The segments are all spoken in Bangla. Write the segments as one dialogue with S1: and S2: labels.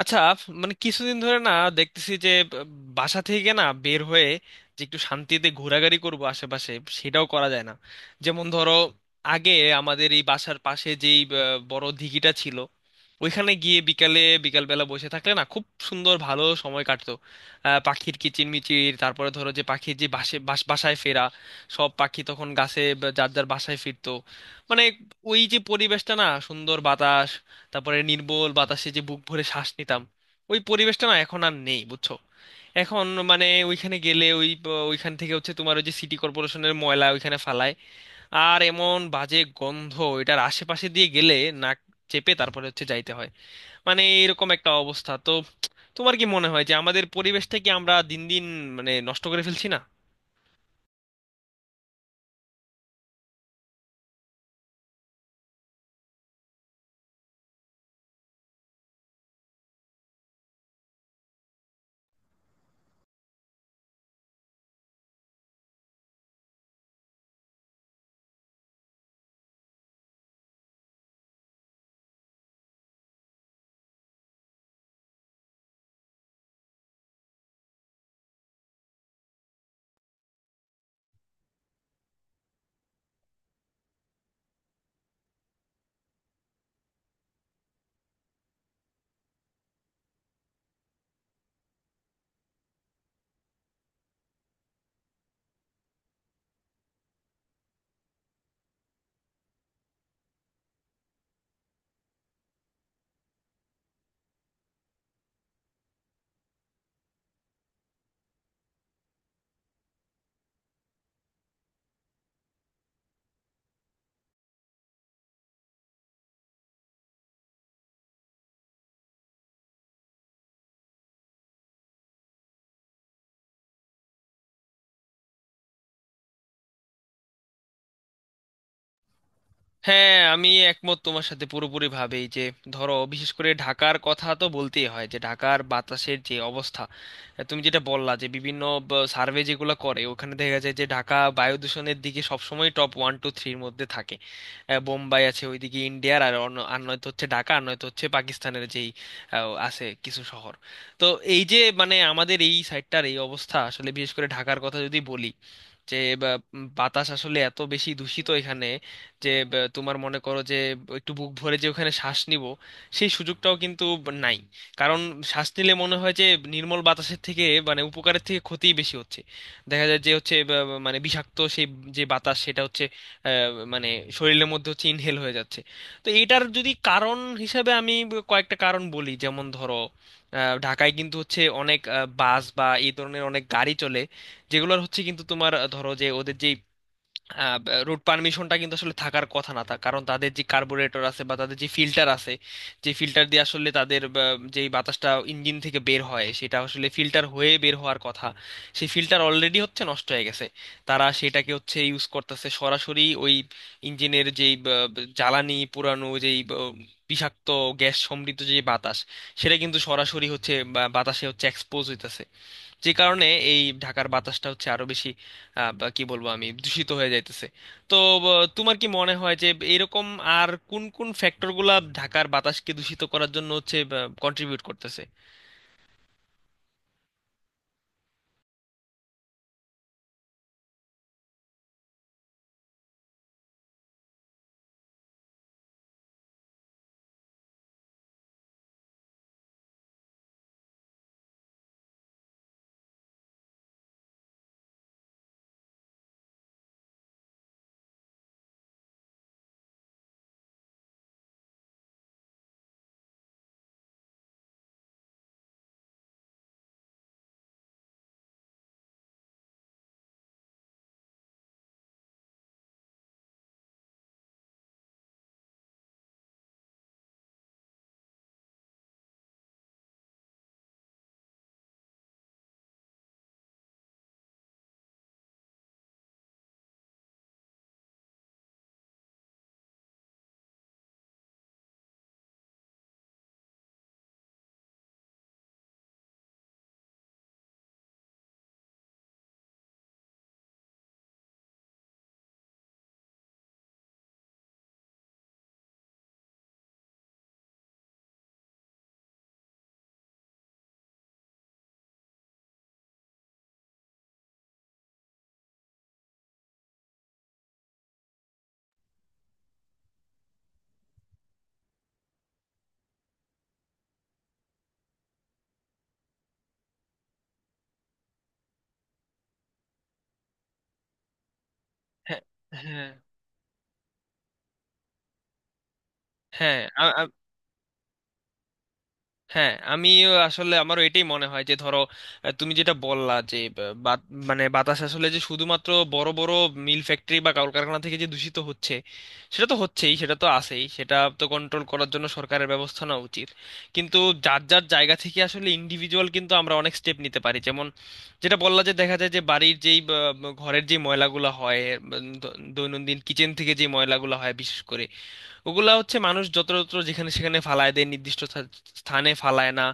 S1: আচ্ছা, মানে কিছুদিন ধরে না দেখতেছি যে আহ, বাসা থেকে না বের হয়ে যে একটু শান্তিতে ঘোরাঘুরি করব আশেপাশে, সেটাও করা যায় না। যেমন ধরো, আগে আমাদের এই বাসার পাশে যেই বড় দিঘিটা ছিল, ওইখানে গিয়ে বিকালে বিকালবেলা বসে থাকলে না, খুব সুন্দর ভালো সময় কাটতো। পাখির কিচিরমিচির, তারপরে ধরো যে পাখির যে বাসে বাসায় ফেরা, সব পাখি তখন গাছে বা যার যার বাসায় ফিরতো। মানে ওই যে পরিবেশটা না, সুন্দর বাতাস, তারপরে নির্মল বাতাসে যে বুক ভরে শ্বাস নিতাম, ওই পরিবেশটা না এখন আর নেই, বুঝছো? এখন মানে ওইখানে গেলে ওই ওইখান থেকে হচ্ছে তোমার ওই যে সিটি কর্পোরেশনের ময়লা ওইখানে ফালায়, আর এমন বাজে গন্ধ, এটার আশেপাশে দিয়ে গেলে নাক চেপে তারপরে হচ্ছে যাইতে হয়। মানে এরকম একটা অবস্থা তো। তোমার কি মনে হয় যে আমাদের পরিবেশটা কি আমরা দিন দিন মানে নষ্ট করে ফেলছি না? হ্যাঁ, আমি একমত তোমার সাথে পুরোপুরি ভাবেই যে ধরো বিশেষ করে ঢাকার কথা তো বলতেই হয়, যে ঢাকার বাতাসের যে অবস্থা। তুমি যেটা বললা যে বিভিন্ন সার্ভে যেগুলো করে ওখানে দেখা যায় যে ঢাকা বায়ু দূষণের দিকে সবসময় টপ ওয়ান টু থ্রির মধ্যে থাকে। বোম্বাই আছে ওইদিকে ইন্ডিয়ার, আর অন্য আর নয়তো হচ্ছে ঢাকা, আর নয়তো হচ্ছে পাকিস্তানের যেই আছে কিছু শহর। তো এই যে মানে আমাদের এই সাইডটার এই অবস্থা আসলে, বিশেষ করে ঢাকার কথা যদি বলি, যে বা, বাতাস আসলে এত বেশি দূষিত এখানে, যে তোমার মনে করো যে একটু বুক ভরে যে ওখানে শ্বাস নিব, সেই সুযোগটাও কিন্তু নাই। কারণ শ্বাস নিলে মনে হয় যে নির্মল বাতাসের থেকে, মানে উপকারের থেকে ক্ষতিই বেশি হচ্ছে। দেখা যায় যে হচ্ছে বা, বা, মানে বিষাক্ত সেই যে বাতাস, সেটা হচ্ছে আহ, মানে শরীরের মধ্যে হচ্ছে ইনহেল হয়ে যাচ্ছে। তো এটার যদি কারণ হিসাবে আমি কয়েকটা কারণ বলি, যেমন ধরো ঢাকায় কিন্তু হচ্ছে অনেক বাস বা এই ধরনের অনেক গাড়ি চলে, যেগুলোর হচ্ছে কিন্তু তোমার ধরো যে ওদের যে রুট পারমিশনটা কিন্তু আসলে থাকার কথা না তা, কারণ তাদের যে কার্বুরেটর আছে বা তাদের যে ফিল্টার আছে, যে ফিল্টার দিয়ে আসলে তাদের যেই বাতাসটা ইঞ্জিন থেকে বের হয় সেটা আসলে ফিল্টার হয়ে বের হওয়ার কথা। সেই ফিল্টার অলরেডি হচ্ছে নষ্ট হয়ে গেছে, তারা সেটাকে হচ্ছে ইউজ করতেছে সরাসরি ওই ইঞ্জিনের যেই জ্বালানি পুরানো, যেই বিষাক্ত গ্যাস সমৃদ্ধ যে বাতাস, সেটা কিন্তু সরাসরি হচ্ছে বাতাসে হচ্ছে এক্সপোজ হইতেছে। যে কারণে এই ঢাকার বাতাসটা হচ্ছে আরো বেশি বা কি বলবো আমি, দূষিত হয়ে যাইতেছে। তো তোমার কি মনে হয় যে এরকম আর কোন কোন ফ্যাক্টরগুলা ঢাকার বাতাসকে দূষিত করার জন্য হচ্ছে কন্ট্রিবিউট করতেছে? হ্যাঁ, হ্যাঁ, হ্যাঁ, হ্যাঁ, আমি আসলে, আমারও এটাই মনে হয় যে ধরো তুমি যেটা বললা যে বা- বা- মানে বাতাস আসলে যে শুধুমাত্র বড় বড় মিল ফ্যাক্টরি বা কলকারখানা থেকে যে দূষিত হচ্ছে, সেটা তো হচ্ছেই, সেটা তো আছেই, সেটা তো কন্ট্রোল করার জন্য সরকারের ব্যবস্থা নেওয়া উচিত। কিন্তু যার যার জায়গা থেকে আসলে ইন্ডিভিজুয়াল কিন্তু আমরা অনেক স্টেপ নিতে পারি, যেমন যেটা বললা যে দেখা যায় যে বাড়ির যেই বা, বা, ঘরের যে ময়লাগুলো হয়, দৈনন্দিন কিচেন থেকে যে ময়লাগুলো হয় বিশেষ করে, ওগুলা হচ্ছে মানুষ যত্রতত্র যেখানে সেখানে ফালায় দেয়, নির্দিষ্ট স্থানে ফালায় না।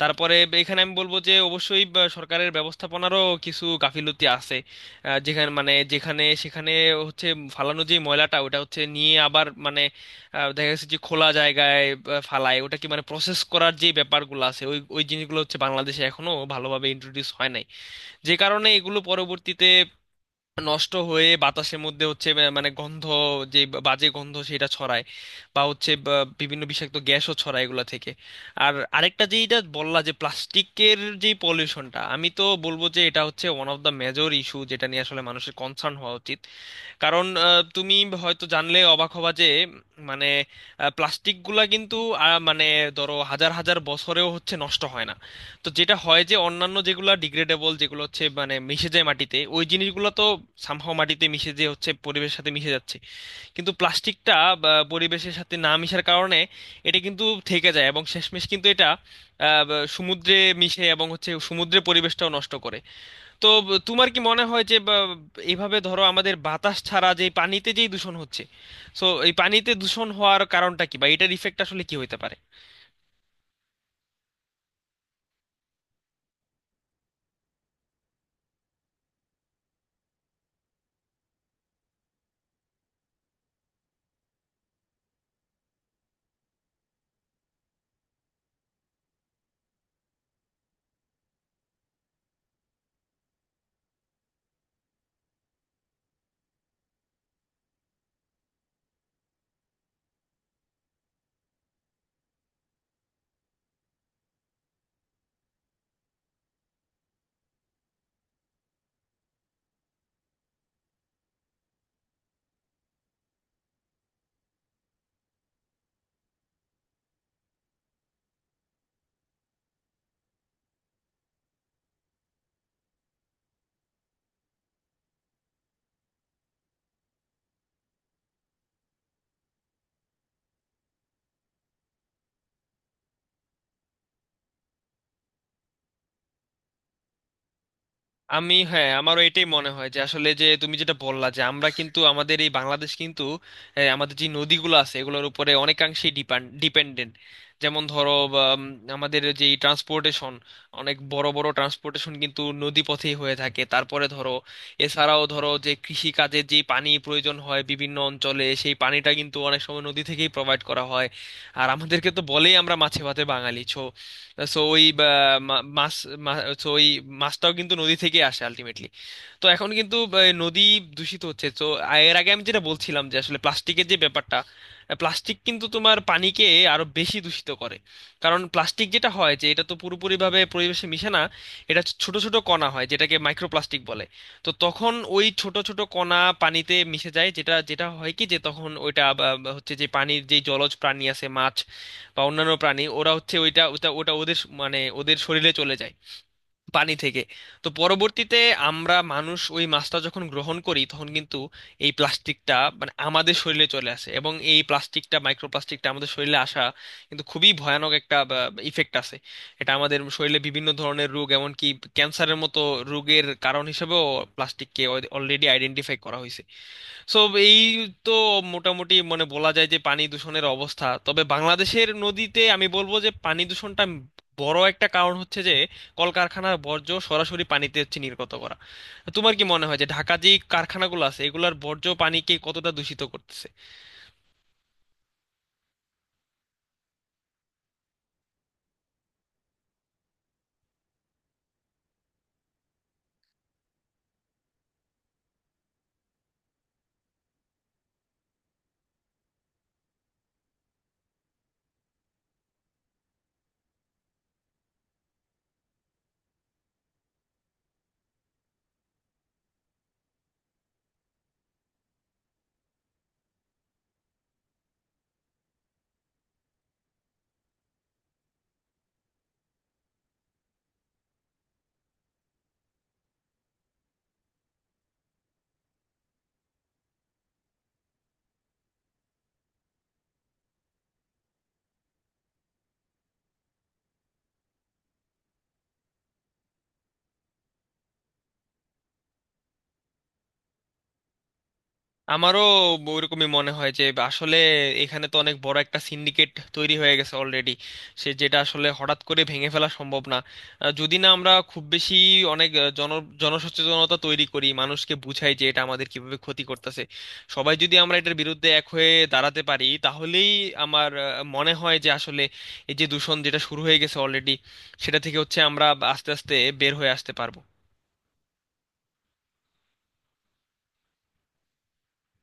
S1: তারপরে এখানে আমি বলবো যে অবশ্যই বা সরকারের ব্যবস্থাপনারও কিছু গাফিলতি আছে। যেখানে মানে যেখানে সেখানে হচ্ছে ফালানো যে ময়লাটা ওটা হচ্ছে নিয়ে আবার মানে দেখা গেছে যে খোলা জায়গায় ফালায়, ওটা কি মানে প্রসেস করার যে ব্যাপারগুলো আছে, ওই ওই জিনিসগুলো হচ্ছে বাংলাদেশে এখনো ভালোভাবে ইন্ট্রোডিউস হয় নাই। যে কারণে এগুলো পরবর্তীতে নষ্ট হয়ে বাতাসের মধ্যে হচ্ছে মানে গন্ধ, যে বাজে গন্ধ সেটা ছড়ায়, বা হচ্ছে বিভিন্ন বিষাক্ত গ্যাসও ছড়ায় এগুলা থেকে। আর আরেকটা যেটা বললা যে প্লাস্টিকের যে পলিউশনটা, আমি তো বলবো যে এটা হচ্ছে one of the major issue, যেটা নিয়ে আসলে মানুষের কনসার্ন হওয়া উচিত। কারণ তুমি হয়তো জানলে অবাক হবা যে মানে প্লাস্টিক গুলা কিন্তু মানে ধরো হাজার হাজার বছরেও হচ্ছে নষ্ট হয় না। তো যেটা হয় যে অন্যান্য যেগুলো ডিগ্রেডেবল, যেগুলো হচ্ছে মানে মিশে যায় মাটিতে, ওই জিনিসগুলো তো সামহাও মাটিতে মিশে যেয়ে হচ্ছে পরিবেশের সাথে মিশে যাচ্ছে। কিন্তু প্লাস্টিকটা পরিবেশের সাথে না মিশার কারণে এটা কিন্তু থেকে যায়, এবং শেষমেশ কিন্তু এটা সমুদ্রে মিশে এবং হচ্ছে সমুদ্রের পরিবেশটাও নষ্ট করে। তো তোমার কি মনে হয় যে, এইভাবে ধরো আমাদের বাতাস ছাড়া যে পানিতে যেই দূষণ হচ্ছে, সো এই পানিতে দূষণ হওয়ার কারণটা কি বা এটার ইফেক্ট আসলে কি হতে পারে? আমি, হ্যাঁ, আমারও এটাই মনে হয় যে আসলে যে তুমি যেটা বললা যে আমরা কিন্তু আমাদের এই বাংলাদেশ কিন্তু আমাদের যে নদীগুলো আছে এগুলোর উপরে অনেকাংশেই ডিপেন্ডেন্ট। যেমন ধরো আমাদের যে ট্রান্সপোর্টেশন, অনেক বড় বড় ট্রান্সপোর্টেশন কিন্তু নদী পথেই হয়ে থাকে। তারপরে ধরো, এছাড়াও ধরো যে কৃষি কাজে যে পানি প্রয়োজন হয় বিভিন্ন অঞ্চলে, সেই পানিটা কিন্তু অনেক সময় নদী থেকেই প্রোভাইড করা হয়। আর আমাদেরকে তো বলেই আমরা মাছে ভাতে বাঙালি ছো। সো ওই মাছ, হচ্ছে ওই মাছটাও কিন্তু নদী থেকে আসে আলটিমেটলি। তো এখন কিন্তু নদী দূষিত হচ্ছে তো। এর আগে আমি যেটা বলছিলাম যে আসলে প্লাস্টিকের যে ব্যাপারটা, প্লাস্টিক কিন্তু তোমার পানিকে আরো বেশি দূষিত করে। কারণ প্লাস্টিক যেটা হয় যে এটা তো পুরোপুরিভাবে পরিবেশে মিশে না, এটা হচ্ছে ছোট ছোট কণা হয় যেটাকে মাইক্রোপ্লাস্টিক বলে। তো তখন ওই ছোট ছোট কণা পানিতে মিশে যায়, যেটা যেটা হয় কি যে তখন ওইটা হচ্ছে যে পানির যে জলজ প্রাণী আছে, মাছ বা অন্যান্য প্রাণী, ওরা হচ্ছে ওইটা ওটা ওটা ওদের মানে ওদের শরীরে চলে যায় পানি থেকে। তো পরবর্তীতে আমরা মানুষ ওই মাছটা যখন গ্রহণ করি তখন কিন্তু এই প্লাস্টিকটা মানে আমাদের শরীরে চলে আসে, এবং এই প্লাস্টিকটা মাইক্রোপ্লাস্টিকটা আমাদের শরীরে আসা কিন্তু খুবই ভয়ানক একটা ইফেক্ট আছে। এটা আমাদের শরীরে বিভিন্ন ধরনের রোগ, এমনকি ক্যান্সারের মতো রোগের কারণ হিসেবেও প্লাস্টিককে অলরেডি আইডেন্টিফাই করা হয়েছে। সো এই, তো মোটামুটি মানে বলা যায় যে পানি দূষণের অবস্থা। তবে বাংলাদেশের নদীতে আমি বলবো যে পানি দূষণটা বড় একটা কারণ হচ্ছে যে কলকারখানার বর্জ্য সরাসরি পানিতে হচ্ছে নির্গত করা। তোমার কি মনে হয় যে ঢাকা যে কারখানাগুলো আছে এগুলার বর্জ্য পানিকে কতটা দূষিত করতেছে? আমারও ওরকমই মনে হয় যে আসলে এখানে তো অনেক বড় একটা সিন্ডিকেট তৈরি হয়ে গেছে অলরেডি, সে যেটা আসলে হঠাৎ করে ভেঙে ফেলা সম্ভব না, যদি না আমরা খুব বেশি অনেক জনসচেতনতা তৈরি করি, মানুষকে বুঝাই যে এটা আমাদের কিভাবে ক্ষতি করতেছে। সবাই যদি আমরা এটার বিরুদ্ধে এক হয়ে দাঁড়াতে পারি তাহলেই আমার মনে হয় যে আসলে এই যে দূষণ যেটা শুরু হয়ে গেছে অলরেডি, সেটা থেকে হচ্ছে আমরা আস্তে আস্তে বের হয়ে আসতে পারবো।